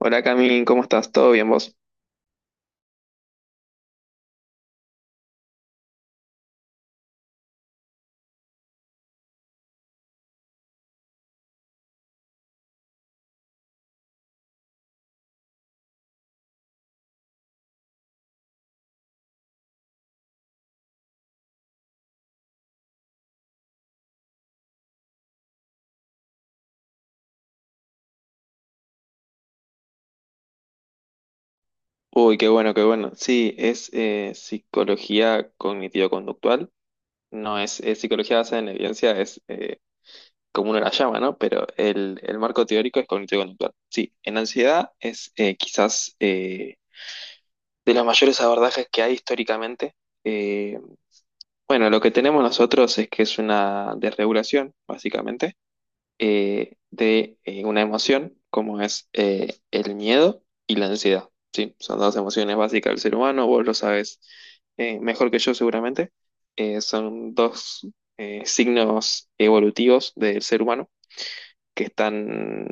Hola Cami, ¿cómo estás? ¿Todo bien vos? Uy, qué bueno, qué bueno. Sí, es psicología cognitivo-conductual. No es, es psicología basada en evidencia, es como uno la llama, ¿no? Pero el marco teórico es cognitivo-conductual. Sí, en ansiedad es quizás de los mayores abordajes que hay históricamente. Eh, bueno, lo que tenemos nosotros es que es una desregulación, básicamente de una emoción como es el miedo y la ansiedad, ¿sí? Son dos emociones básicas del ser humano, vos lo sabes mejor que yo seguramente. Son dos signos evolutivos del ser humano que están,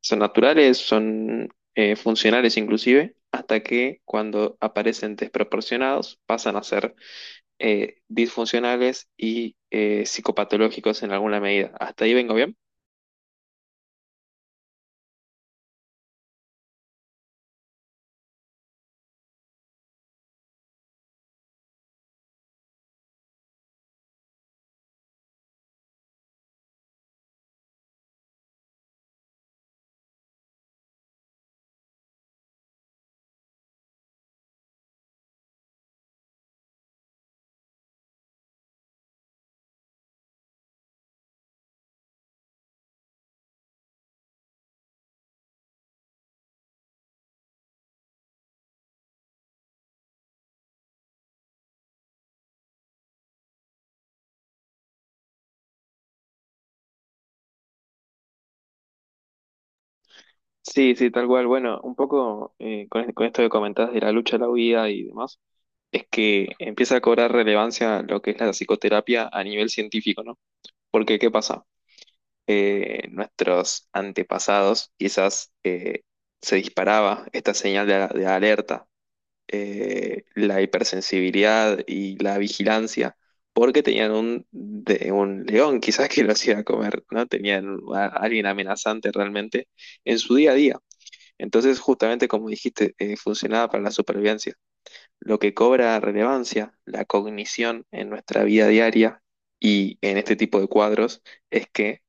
son naturales, son funcionales inclusive, hasta que cuando aparecen desproporcionados pasan a ser disfuncionales y psicopatológicos en alguna medida. ¿Hasta ahí vengo bien? Sí, sí, tal cual. Bueno, un poco con esto que comentás de la lucha, la huida y demás, es que empieza a cobrar relevancia lo que es la psicoterapia a nivel científico, ¿no? Porque, ¿qué pasa? Nuestros antepasados quizás se disparaba esta señal de alerta, la hipersensibilidad y la vigilancia, porque tenían un león quizás que lo hacía comer, ¿no? Tenían a alguien amenazante realmente en su día a día. Entonces, justamente como dijiste, funcionaba para la supervivencia. Lo que cobra relevancia, la cognición en nuestra vida diaria y en este tipo de cuadros, es que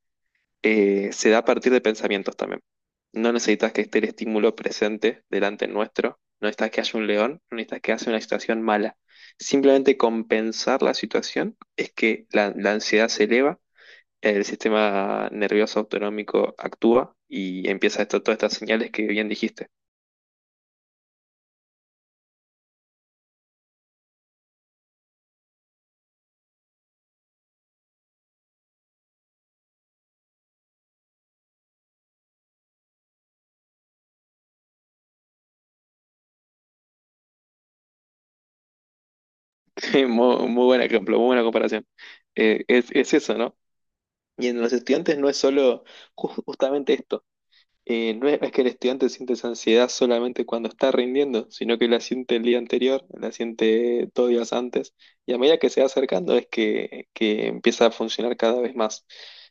se da a partir de pensamientos también. No necesitas que esté el estímulo presente delante nuestro, no necesitas que haya un león, no necesitas que haya una situación mala. Simplemente compensar la situación es que la ansiedad se eleva, el sistema nervioso autonómico actúa y empieza esto, todas estas señales que bien dijiste. Muy, muy buen ejemplo, muy buena comparación. Es eso, ¿no? Y en los estudiantes no es solo justamente esto. No es que el estudiante siente esa ansiedad solamente cuando está rindiendo, sino que la siente el día anterior, la siente dos días antes, y a medida que se va acercando es que empieza a funcionar cada vez más.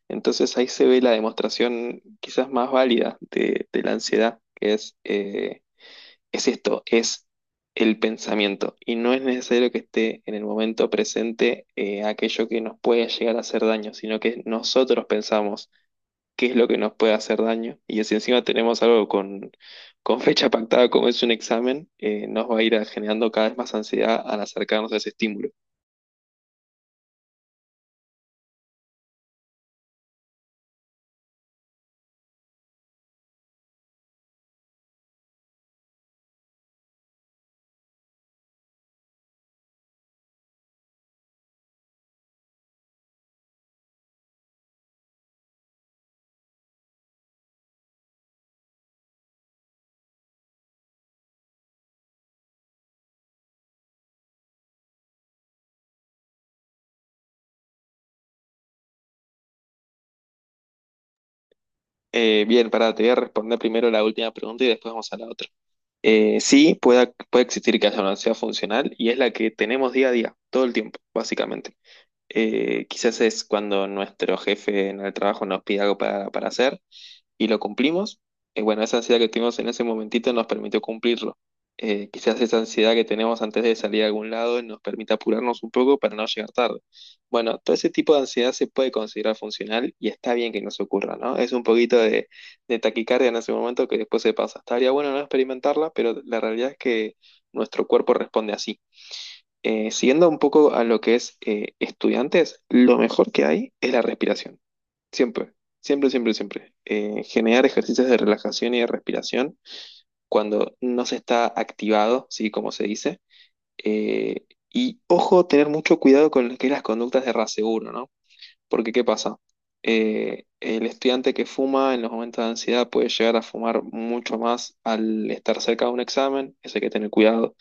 Entonces ahí se ve la demostración quizás más válida de la ansiedad, que es es esto, es el pensamiento. Y no es necesario que esté en el momento presente aquello que nos puede llegar a hacer daño, sino que nosotros pensamos qué es lo que nos puede hacer daño. Y si encima tenemos algo con fecha pactada como es un examen, nos va a ir generando cada vez más ansiedad al acercarnos a ese estímulo. Bien, para te voy a responder primero la última pregunta y después vamos a la otra. Eh, sí, puede existir que haya una ansiedad funcional y es la que tenemos día a día, todo el tiempo, básicamente. Quizás es cuando nuestro jefe en el trabajo nos pide algo para hacer y lo cumplimos. Bueno, esa ansiedad que tuvimos en ese momentito nos permitió cumplirlo. Quizás esa ansiedad que tenemos antes de salir a algún lado nos permite apurarnos un poco para no llegar tarde. Bueno, todo ese tipo de ansiedad se puede considerar funcional y está bien que nos ocurra, ¿no? Es un poquito de taquicardia en ese momento que después se pasa. Estaría bueno no experimentarla, pero la realidad es que nuestro cuerpo responde así. Siguiendo un poco a lo que es estudiantes, lo mejor que hay es la respiración. Siempre, siempre, siempre, siempre. Generar ejercicios de relajación y de respiración cuando no se está activado, ¿sí? Como se dice. Eh, y ojo, tener mucho cuidado con lo que es las conductas de raseguro, ¿no? Porque ¿qué pasa? El estudiante que fuma en los momentos de ansiedad puede llegar a fumar mucho más al estar cerca de un examen, eso hay que tener cuidado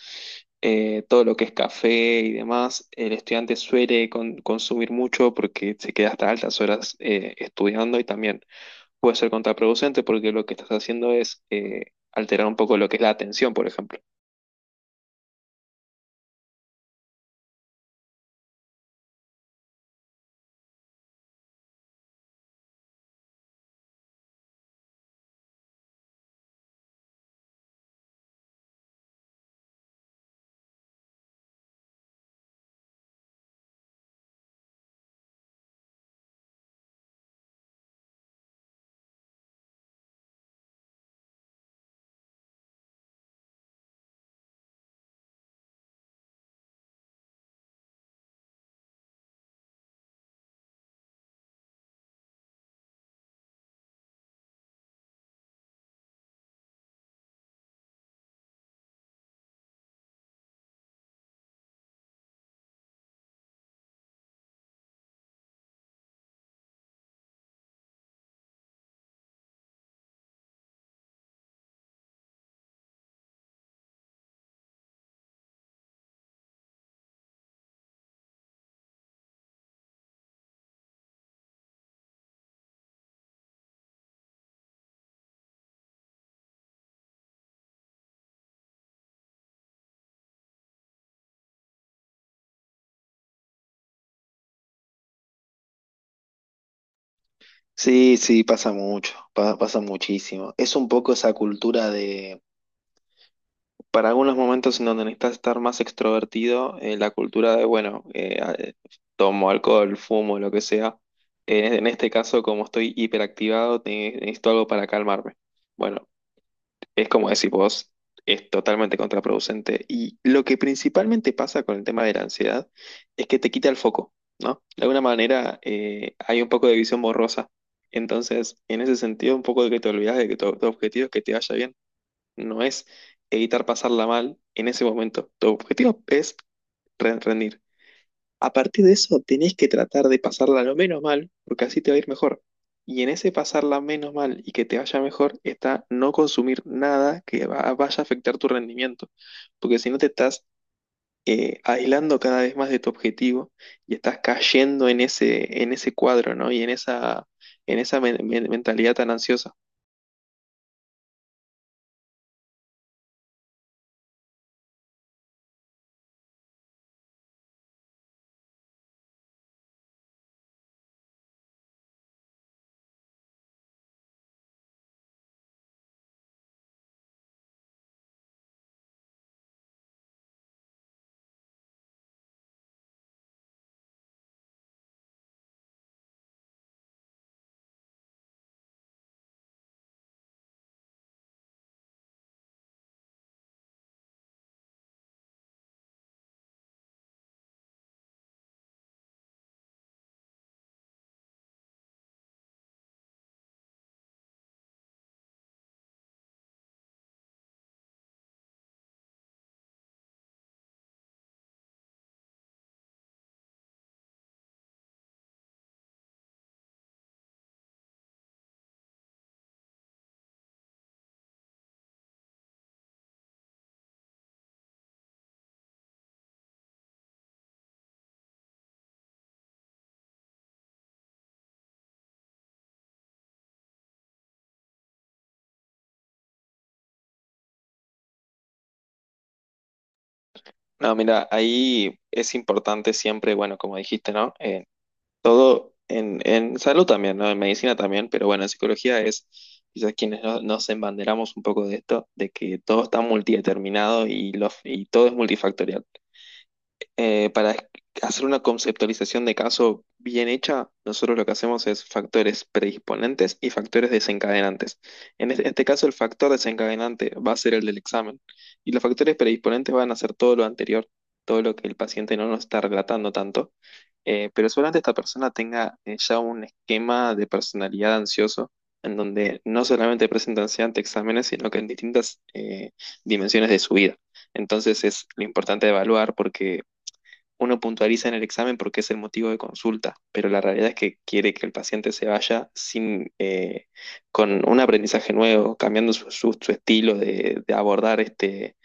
todo lo que es café y demás, el estudiante suele consumir mucho porque se queda hasta altas horas estudiando y también puede ser contraproducente porque lo que estás haciendo es alterar un poco lo que es la atención, por ejemplo. Sí, sí, pasa mucho, pasa muchísimo. Es un poco esa cultura de... Para algunos momentos en donde necesitas estar más extrovertido, la cultura de, bueno, tomo alcohol, fumo, lo que sea. En este caso, como estoy hiperactivado, necesito algo para calmarme. Bueno, es como decís vos, es totalmente contraproducente. Y lo que principalmente pasa con el tema de la ansiedad es que te quita el foco, ¿no? De alguna manera, hay un poco de visión borrosa. Entonces, en ese sentido, un poco de que te olvidas de que tu objetivo es que te vaya bien no es evitar pasarla mal en ese momento. Tu objetivo es rendir. A partir de eso, tenés que tratar de pasarla lo menos mal, porque así te va a ir mejor. Y en ese pasarla menos mal y que te vaya mejor está no consumir nada que vaya a afectar tu rendimiento, porque si no te estás aislando cada vez más de tu objetivo y estás cayendo en en ese cuadro, ¿no? Y en esa mentalidad tan ansiosa. No, mira, ahí es importante siempre, bueno, como dijiste, ¿no? Todo en salud también, ¿no? En medicina también, pero bueno, en psicología es quizás quienes nos embanderamos un poco de esto, de que todo está multideterminado y y todo es multifactorial. Para hacer una conceptualización de caso bien hecha, nosotros lo que hacemos es factores predisponentes y factores desencadenantes. En este caso, el factor desencadenante va a ser el del examen y los factores predisponentes van a ser todo lo anterior, todo lo que el paciente no nos está relatando tanto. Pero solamente esta persona tenga ya un esquema de personalidad ansioso en donde no solamente presenta ansiedad ante exámenes, sino que en distintas dimensiones de su vida. Entonces es lo importante de evaluar porque uno puntualiza en el examen porque es el motivo de consulta, pero la realidad es que quiere que el paciente se vaya sin, con un aprendizaje nuevo, cambiando su estilo de abordar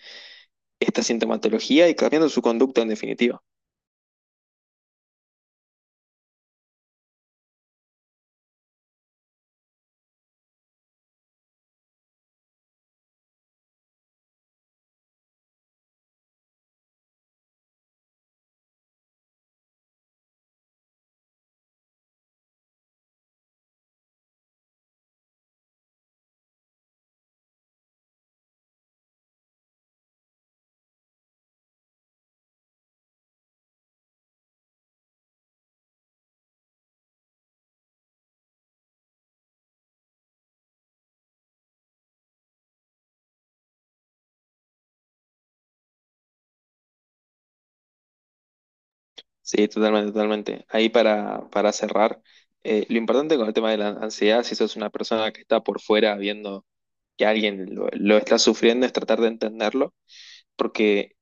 esta sintomatología y cambiando su conducta en definitiva. Sí, totalmente, totalmente. Ahí para cerrar, lo importante con el tema de la ansiedad, si sos una persona que está por fuera viendo que alguien lo está sufriendo, es tratar de entenderlo, porque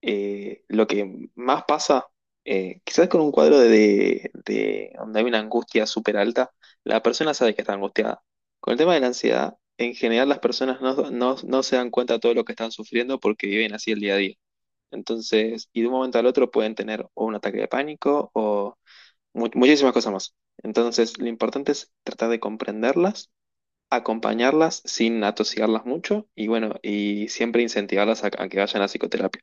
Lo que más pasa, quizás con un cuadro de donde hay una angustia súper alta, la persona sabe que está angustiada. Con el tema de la ansiedad, en general las personas no se dan cuenta de todo lo que están sufriendo porque viven así el día a día. Entonces, y de un momento al otro pueden tener o un ataque de pánico o muchísimas cosas más. Entonces, lo importante es tratar de comprenderlas, acompañarlas sin atosigarlas mucho y bueno, y siempre incentivarlas a que vayan a psicoterapia.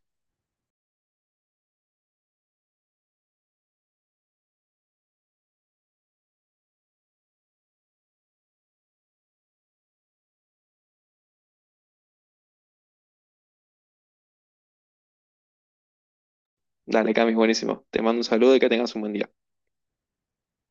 Dale, Cami, buenísimo. Te mando un saludo y que tengas un buen día.